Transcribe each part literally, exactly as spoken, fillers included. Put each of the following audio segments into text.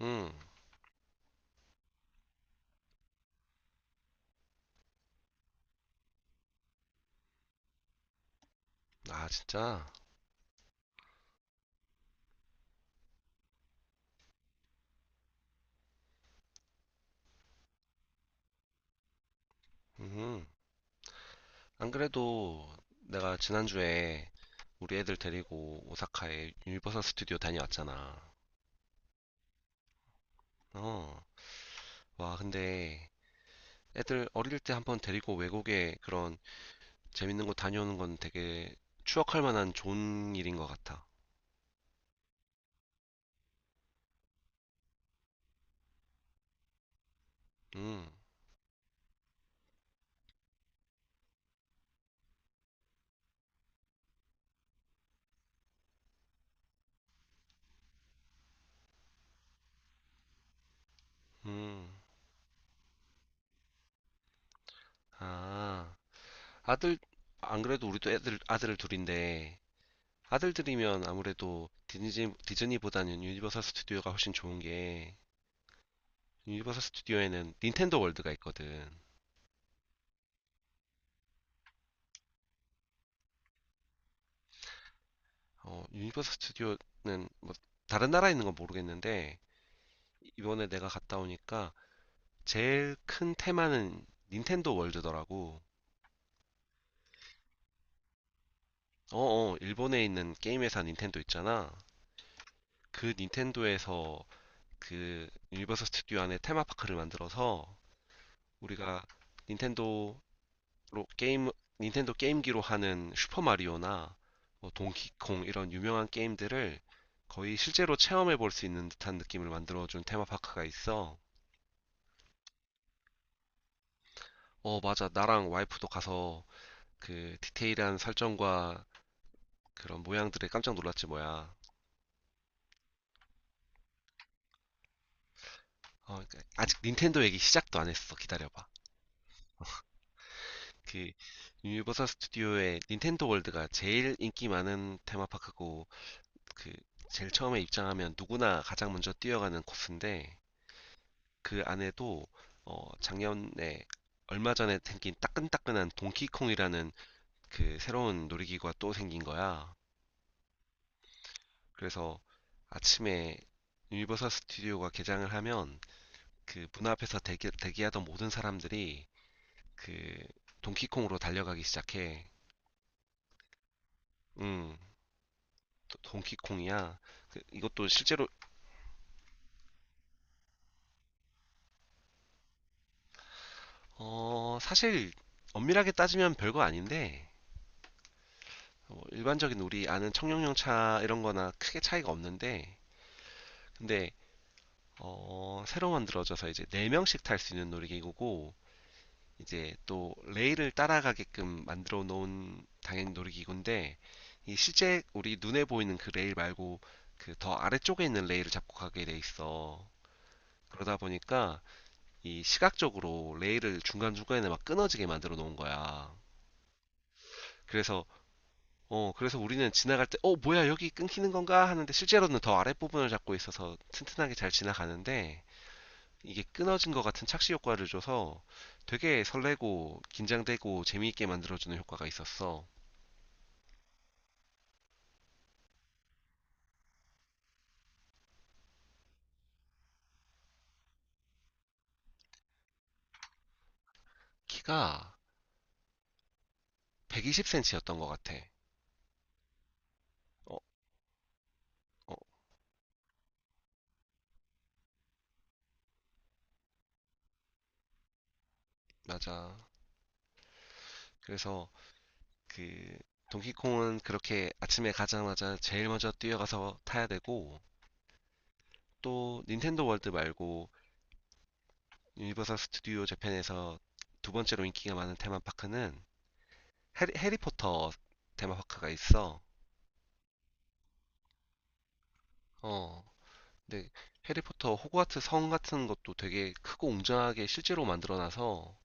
응. 아, 진짜? 음. 안 그래도 내가 지난주에 우리 애들 데리고 오사카에 유니버설 스튜디오 다녀왔잖아. 어. 와, 근데 애들 어릴 때 한 번 데리고 외국에 그런 재밌는 곳 다녀오는 건 되게 추억할 만한 좋은 일인 것 같아. 음. 음. 아. 아들, 안 그래도 우리도 애들, 아들 둘인데 아들들이면 아무래도 디즈니, 디즈니보다는 유니버설 스튜디오가 훨씬 좋은 게 유니버설 스튜디오에는 닌텐도 월드가 있거든. 어, 유니버설 스튜디오는 뭐 다른 나라에 있는 건 모르겠는데 이번에 내가 갔다 오니까 제일 큰 테마는 닌텐도 월드더라고. 어어, 일본에 있는 게임 회사 닌텐도 있잖아. 그 닌텐도에서 그 유니버설 스튜디오 안에 테마파크를 만들어서 우리가 닌텐도 로 게임 닌텐도 게임기로 하는 슈퍼 마리오나 뭐 동키콩 이런 유명한 게임들을 거의 실제로 체험해 볼 수 있는 듯한 느낌을 만들어준 테마파크가 있어. 어, 맞아. 나랑 와이프도 가서 그 디테일한 설정과 그런 모양들에 깜짝 놀랐지 뭐야. 어, 그러니까 아직 닌텐도 얘기 시작도 안 했어. 기다려봐. 그 유니버설 스튜디오의 닌텐도 월드가 제일 인기 많은 테마파크고 그 제일 처음에 입장하면 누구나 가장 먼저 뛰어가는 코스인데 그 안에도 어, 작년에 얼마 전에 생긴 따끈따끈한 동키콩이라는 그 새로운 놀이기구가 또 생긴 거야. 그래서 아침에 유니버설 스튜디오가 개장을 하면 그 문 앞에서 대기, 대기하던 모든 사람들이 그 동키콩으로 달려가기 시작해. 응, 도- 동키콩이야. 그- 이것도 실제로 어, 사실 엄밀하게 따지면 별거 아닌데 뭐 일반적인 우리 아는 청룡용차 이런 거나 크게 차이가 없는데 근데 어, 새로 만들어져서 이제 네 명씩 탈 수 있는 놀이기구고, 이제 또 레일을 따라가게끔 만들어 놓은 당연히 놀이기구인데, 이 실제 우리 눈에 보이는 그 레일 말고 그 더 아래쪽에 있는 레일을 잡고 가게 돼 있어. 그러다 보니까 이 시각적으로 레일을 중간중간에 막 끊어지게 만들어 놓은 거야. 그래서, 어, 그래서 우리는 지나갈 때, 어, 뭐야, 여기 끊기는 건가? 하는데 실제로는 더 아랫부분을 잡고 있어서 튼튼하게 잘 지나가는데, 이게 끊어진 것 같은 착시 효과를 줘서 되게 설레고 긴장되고 재미있게 만들어주는 효과가 있었어. 키가 백이십 센티미터였던 것 같아. 어, 어, 맞아. 그래서 그 동키콩은 그렇게 아침에 가자마자 제일 먼저 뛰어가서 타야 되고 또 닌텐도 월드 말고 유니버설 스튜디오 재팬에서 두 번째로 인기가 많은 테마파크는 해리, 해리포터 테마파크가 있어. 어, 근데 해리포터 호그와트 성 같은 것도 되게 크고 웅장하게 실제로 만들어놔서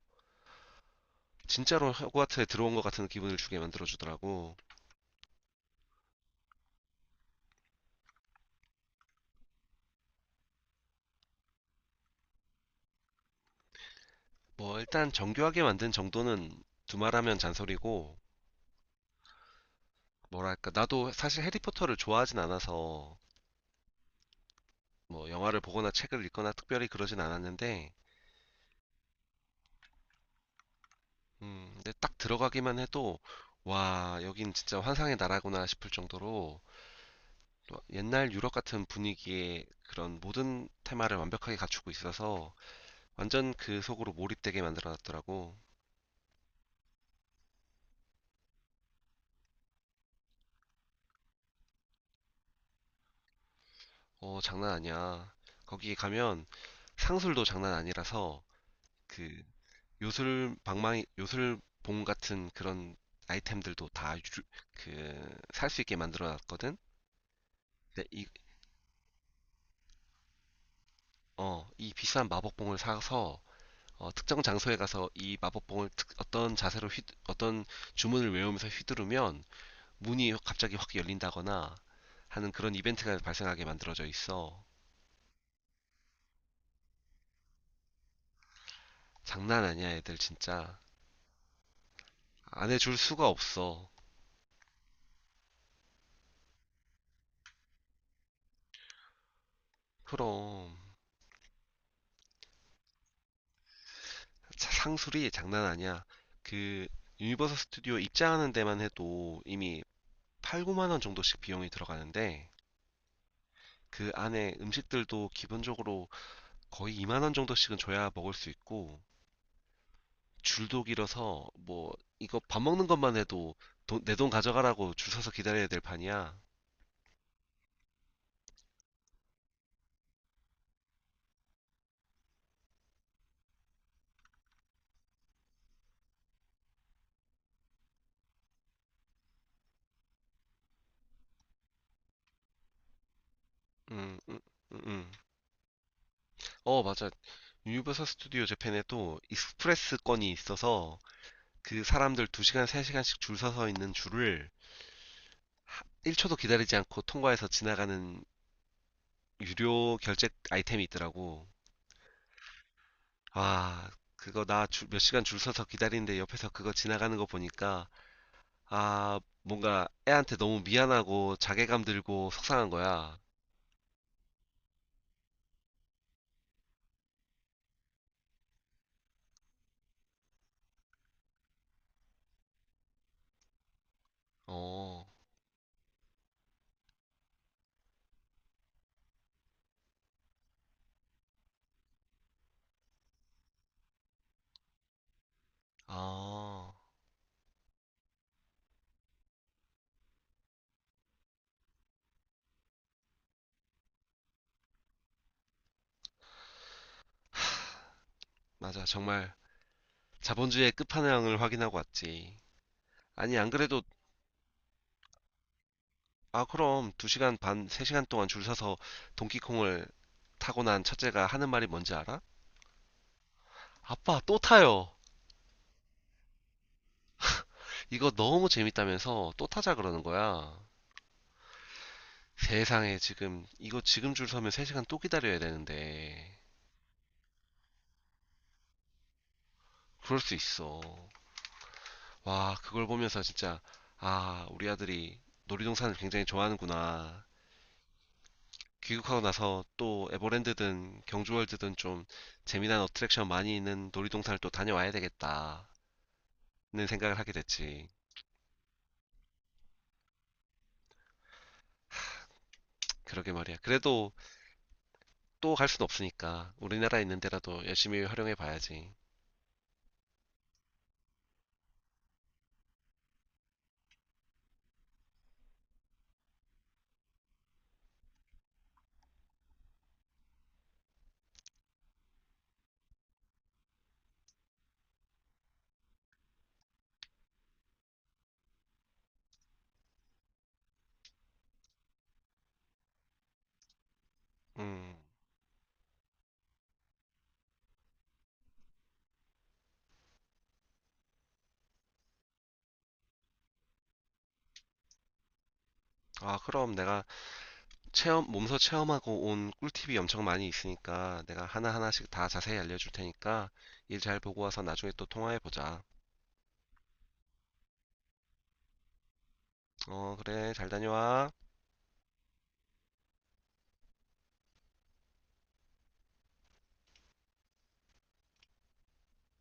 진짜로 호그와트에 들어온 것 같은 기분을 주게 만들어주더라고. 뭐 일단 정교하게 만든 정도는 두말하면 잔소리고 뭐랄까 나도 사실 해리포터를 좋아하진 않아서 뭐 영화를 보거나 책을 읽거나 특별히 그러진 않았는데 음 근데 딱 들어가기만 해도 와 여긴 진짜 환상의 나라구나 싶을 정도로 또 옛날 유럽 같은 분위기의 그런 모든 테마를 완벽하게 갖추고 있어서 완전 그 속으로 몰입되게 만들어놨더라고. 어, 장난 아니야. 거기 가면 상술도 장난 아니라서 그 요술 방망이, 요술봉 같은 그런 아이템들도 다 그 살 수 있게 만들어놨거든. 근데 이, 어, 이 비싼 마법봉을 사서 어, 특정 장소에 가서 이 마법봉을 특- 어떤 자세로 휘, 어떤 주문을 외우면서 휘두르면 문이 갑자기 확 열린다거나 하는 그런 이벤트가 발생하게 만들어져 있어. 장난 아니야, 애들 진짜. 안 해줄 수가 없어. 그럼. 상술이 장난 아니야. 그, 유니버설 스튜디오 입장하는 데만 해도 이미 팔, 구만 원 정도씩 비용이 들어가는데, 그 안에 음식들도 기본적으로 거의 이만 원 정도씩은 줘야 먹을 수 있고, 줄도 길어서, 뭐, 이거 밥 먹는 것만 해도 내 돈 가져가라고 줄 서서 기다려야 될 판이야. 음, 음, 음, 음. 어, 맞아. 유니버설 스튜디오 재팬에도 익스프레스 건이 있어서 그 사람들 두 시간, 세 시간씩 줄 서서 있는 줄을 일 초도 기다리지 않고 통과해서 지나가는 유료 결제 아이템이 있더라고. 아, 그거 나 몇 시간 줄 서서 기다리는데 옆에서 그거 지나가는 거 보니까 아, 뭔가 애한테 너무 미안하고 자괴감 들고 속상한 거야. 어, 아, 맞아. 정말 자본주의의 끝판왕을 확인하고 왔지. 아니, 안 그래도 아, 그럼 두 시간 반, 세 시간 동안 줄 서서 동키콩을 타고 난 첫째가 하는 말이 뭔지 알아? 아빠, 또 타요. 이거 너무 재밌다면서 또 타자 그러는 거야. 세상에, 지금, 이거 지금 줄 서면 세 시간 또 기다려야 되는데. 그럴 수 있어. 와, 그걸 보면서 진짜, 아, 우리 아들이 놀이동산을 굉장히 좋아하는구나. 귀국하고 나서 또 에버랜드든 경주월드든 좀 재미난 어트랙션 많이 있는 놀이동산을 또 다녀와야 되겠다. 는 생각을 하게 됐지. 그러게 말이야. 그래도 또 갈 순 없으니까 우리나라에 있는 데라도 열심히 활용해 봐야지. 음. 아, 그럼 내가 체험, 몸소 체험하고 온 꿀팁이 엄청 많이 있으니까 내가 하나하나씩 다 자세히 알려줄 테니까 일 잘 보고 와서 나중에 또 통화해 보자. 어, 그래. 잘 다녀와.